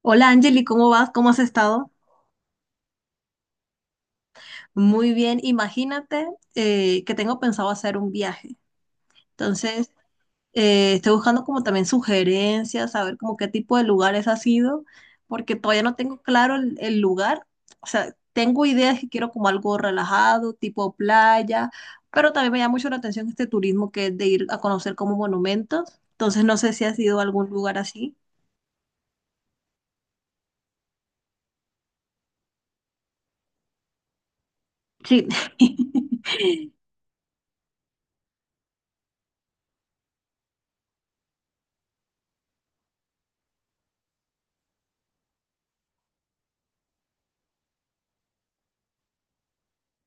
Hola Angeli, ¿cómo vas? ¿Cómo has estado? Muy bien, imagínate que tengo pensado hacer un viaje. Entonces, estoy buscando como también sugerencias, saber como qué tipo de lugares ha sido, porque todavía no tengo claro el lugar. O sea, tengo ideas que quiero como algo relajado, tipo playa, pero también me llama mucho la atención este turismo que es de ir a conocer como monumentos. Entonces, no sé si has ido a algún lugar así. Sí.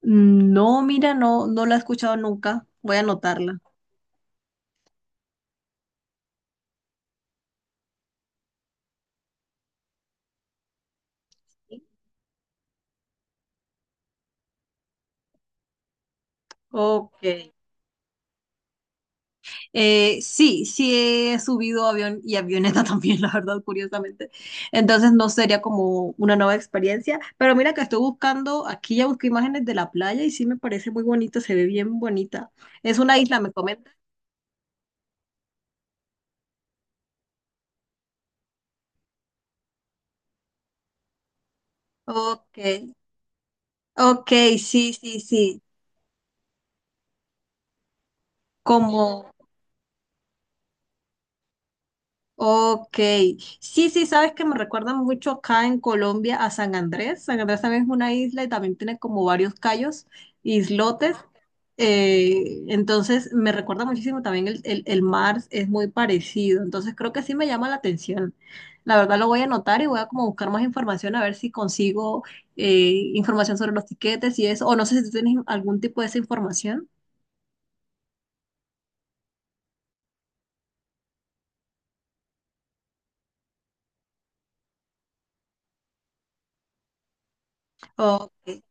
Mm, no, mira, no la he escuchado nunca. Voy a anotarla. Ok. Sí, sí he subido avión y avioneta también, la verdad, curiosamente. Entonces no sería como una nueva experiencia. Pero mira que estoy buscando, aquí ya busqué imágenes de la playa y sí me parece muy bonita, se ve bien bonita. Es una isla, me comenta. Ok, ok, sí, sí, sí. Como. Ok, sí, sí, sabes que me recuerdan mucho acá en Colombia a San Andrés. San Andrés también es una isla y también tiene como varios cayos, islotes. Entonces me recuerda muchísimo también el mar, es muy parecido. Entonces creo que sí me llama la atención. La verdad lo voy a anotar y voy a como buscar más información a ver si consigo información sobre los tiquetes y eso. O no sé si tú tienes algún tipo de esa información. Ok.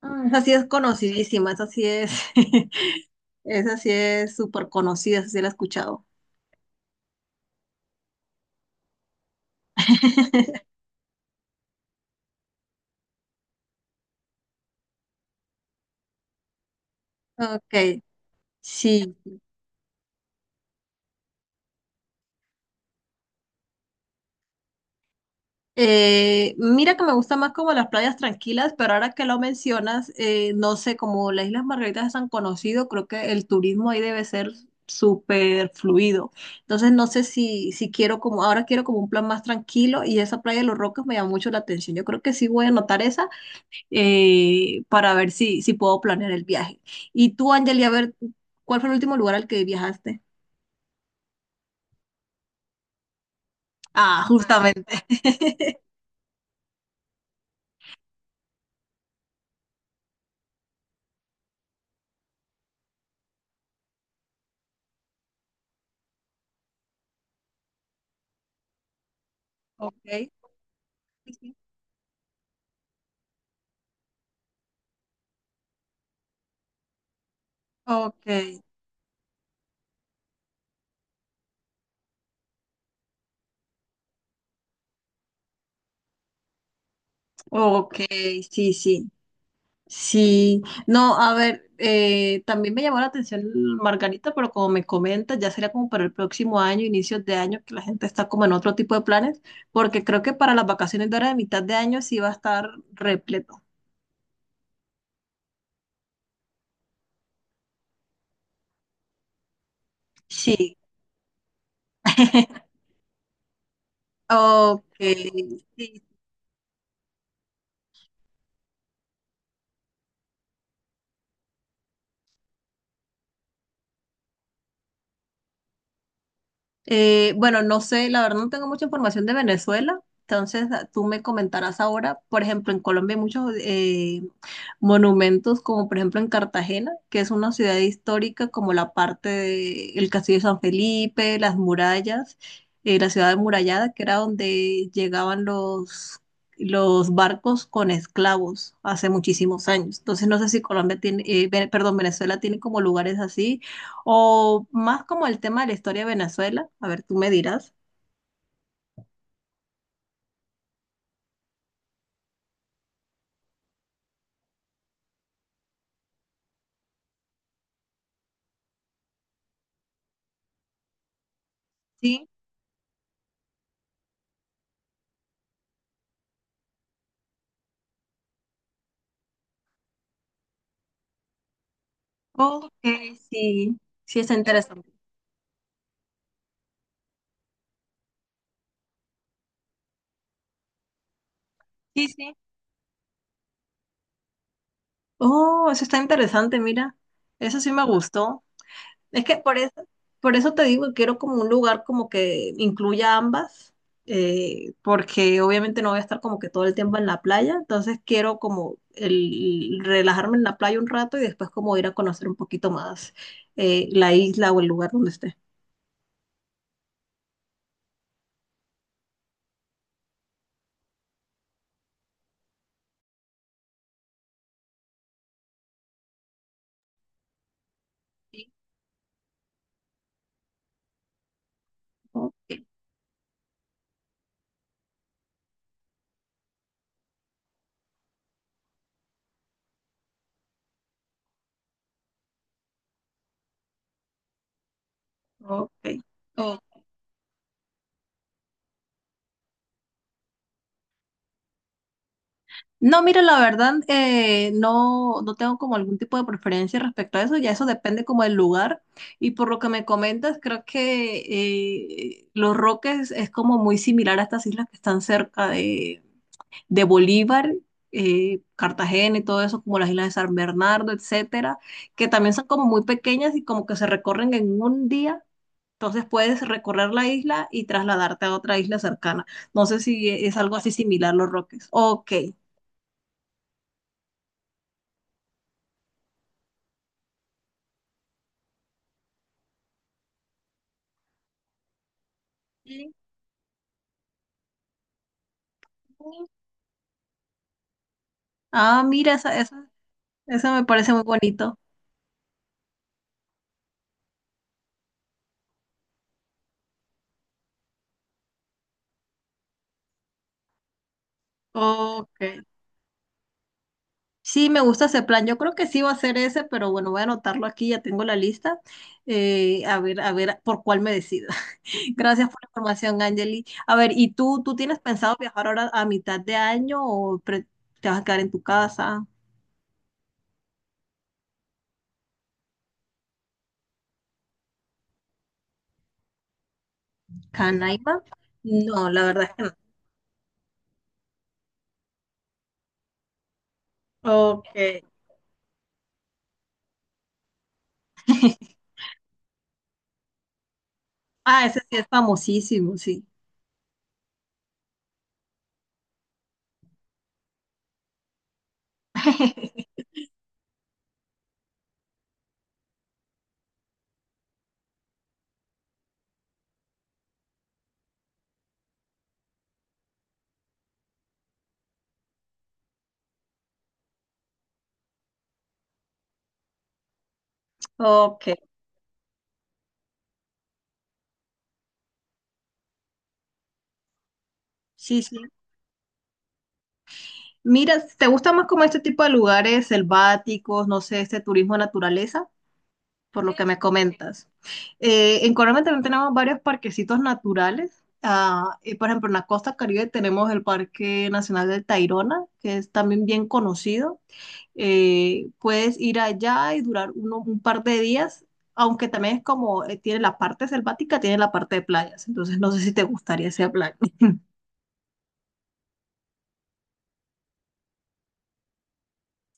Mm, esa sí es conocidísima, esa sí es. Esa sí es súper conocida, esa sí la he escuchado. Ok, sí. Mira que me gusta más como las playas tranquilas, pero ahora que lo mencionas, no sé, como las Islas Margaritas es tan conocido, creo que el turismo ahí debe ser súper fluido. Entonces no sé si quiero como, ahora quiero como un plan más tranquilo y esa playa de Los Roques me llama mucho la atención. Yo creo que sí voy a anotar esa para ver si puedo planear el viaje. Y tú, Angeli, a ver, ¿cuál fue el último lugar al que viajaste? Ah, justamente. Ok, sí, sí. Ok. Ok, sí, sí. Sí, no, a ver, también me llamó la atención Margarita, pero como me comentas, ya sería como para el próximo año, inicios de año, que la gente está como en otro tipo de planes, porque creo que para las vacaciones de ahora de mitad de año sí va a estar repleto. Sí. Ok, sí. Bueno, no sé, la verdad no tengo mucha información de Venezuela, entonces ah, tú me comentarás ahora. Por ejemplo, en Colombia hay muchos monumentos, como por ejemplo en Cartagena, que es una ciudad histórica, como la parte del Castillo de San Felipe, las murallas, la ciudad amurallada, que era donde llegaban los barcos con esclavos hace muchísimos años. Entonces no sé si Colombia tiene, Ve- perdón, Venezuela tiene como lugares así o más como el tema de la historia de Venezuela. A ver, tú me dirás. Sí. Ok, sí. Sí, está interesante. Sí, sí. Oh, eso está interesante, mira. Eso sí me gustó. Es que por eso te digo que quiero como un lugar como que incluya ambas, porque obviamente no voy a estar como que todo el tiempo en la playa, entonces quiero como el, relajarme en la playa un rato y después como ir a conocer un poquito más la isla o el lugar donde esté. Sí. Ok. Ok. Ok. No, mira, la verdad, no, no tengo como algún tipo de preferencia respecto a eso, ya eso depende como del lugar. Y por lo que me comentas, creo que Los Roques es como muy similar a estas islas que están cerca de Bolívar, Cartagena y todo eso, como las islas de San Bernardo, etcétera, que también son como muy pequeñas y como que se recorren en un día. Entonces puedes recorrer la isla y trasladarte a otra isla cercana. No sé si es algo así similar Los Roques. Ok. Sí. Ah, mira, esa me parece muy bonito. Ok. Sí, me gusta ese plan. Yo creo que sí va a ser ese, pero bueno, voy a anotarlo aquí, ya tengo la lista. A ver por cuál me decido. Gracias por la información, Angeli. A ver, ¿y tú tienes pensado viajar ahora a mitad de año o pre- te vas a quedar en tu casa, Canaima? No, la verdad es que Ok. Ah, ese sí es famosísimo, sí. Ok, sí, sí. Mira, ¿te gusta más como este tipo de lugares selváticos, no sé, este turismo de naturaleza? Por lo que me comentas. En Colombia también tenemos varios parquecitos naturales. Ah, y por ejemplo, en la costa Caribe tenemos el Parque Nacional del Tayrona, que es también bien conocido. Puedes ir allá y durar un par de días, aunque también es como, tiene la parte selvática, tiene la parte de playas, entonces no sé si te gustaría ese plan.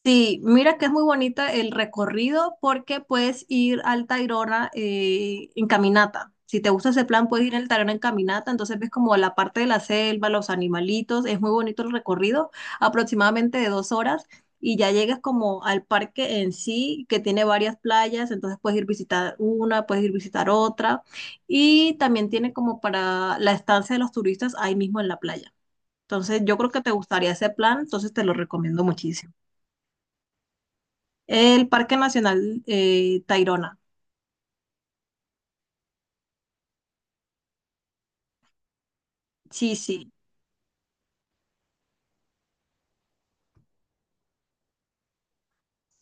Sí, mira que es muy bonita el recorrido porque puedes ir al Tayrona en caminata. Si te gusta ese plan, puedes ir al Tayrona en caminata. Entonces ves como la parte de la selva, los animalitos. Es muy bonito el recorrido, aproximadamente de dos horas. Y ya llegas como al parque en sí, que tiene varias playas. Entonces puedes ir visitar una, puedes ir visitar otra. Y también tiene como para la estancia de los turistas ahí mismo en la playa. Entonces yo creo que te gustaría ese plan, entonces te lo recomiendo muchísimo. El Parque Nacional Tayrona. Sí, sí.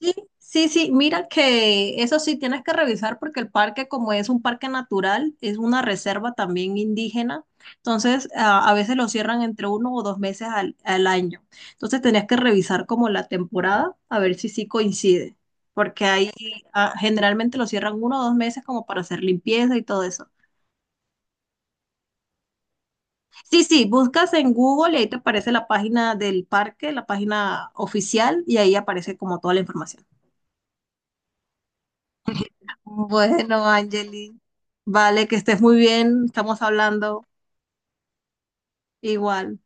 Sí, sí, sí. Mira que eso sí tienes que revisar porque el parque, como es un parque natural, es una reserva también indígena. Entonces, a veces lo cierran entre uno o dos meses al año. Entonces, tenías que revisar como la temporada a ver si sí coincide. Porque ahí ah, generalmente lo cierran uno o dos meses como para hacer limpieza y todo eso. Sí, sí, buscas en Google y ahí te aparece la página del parque, la página oficial, y ahí aparece como toda la información. Bueno, Angeli, vale, que estés muy bien, estamos hablando igual.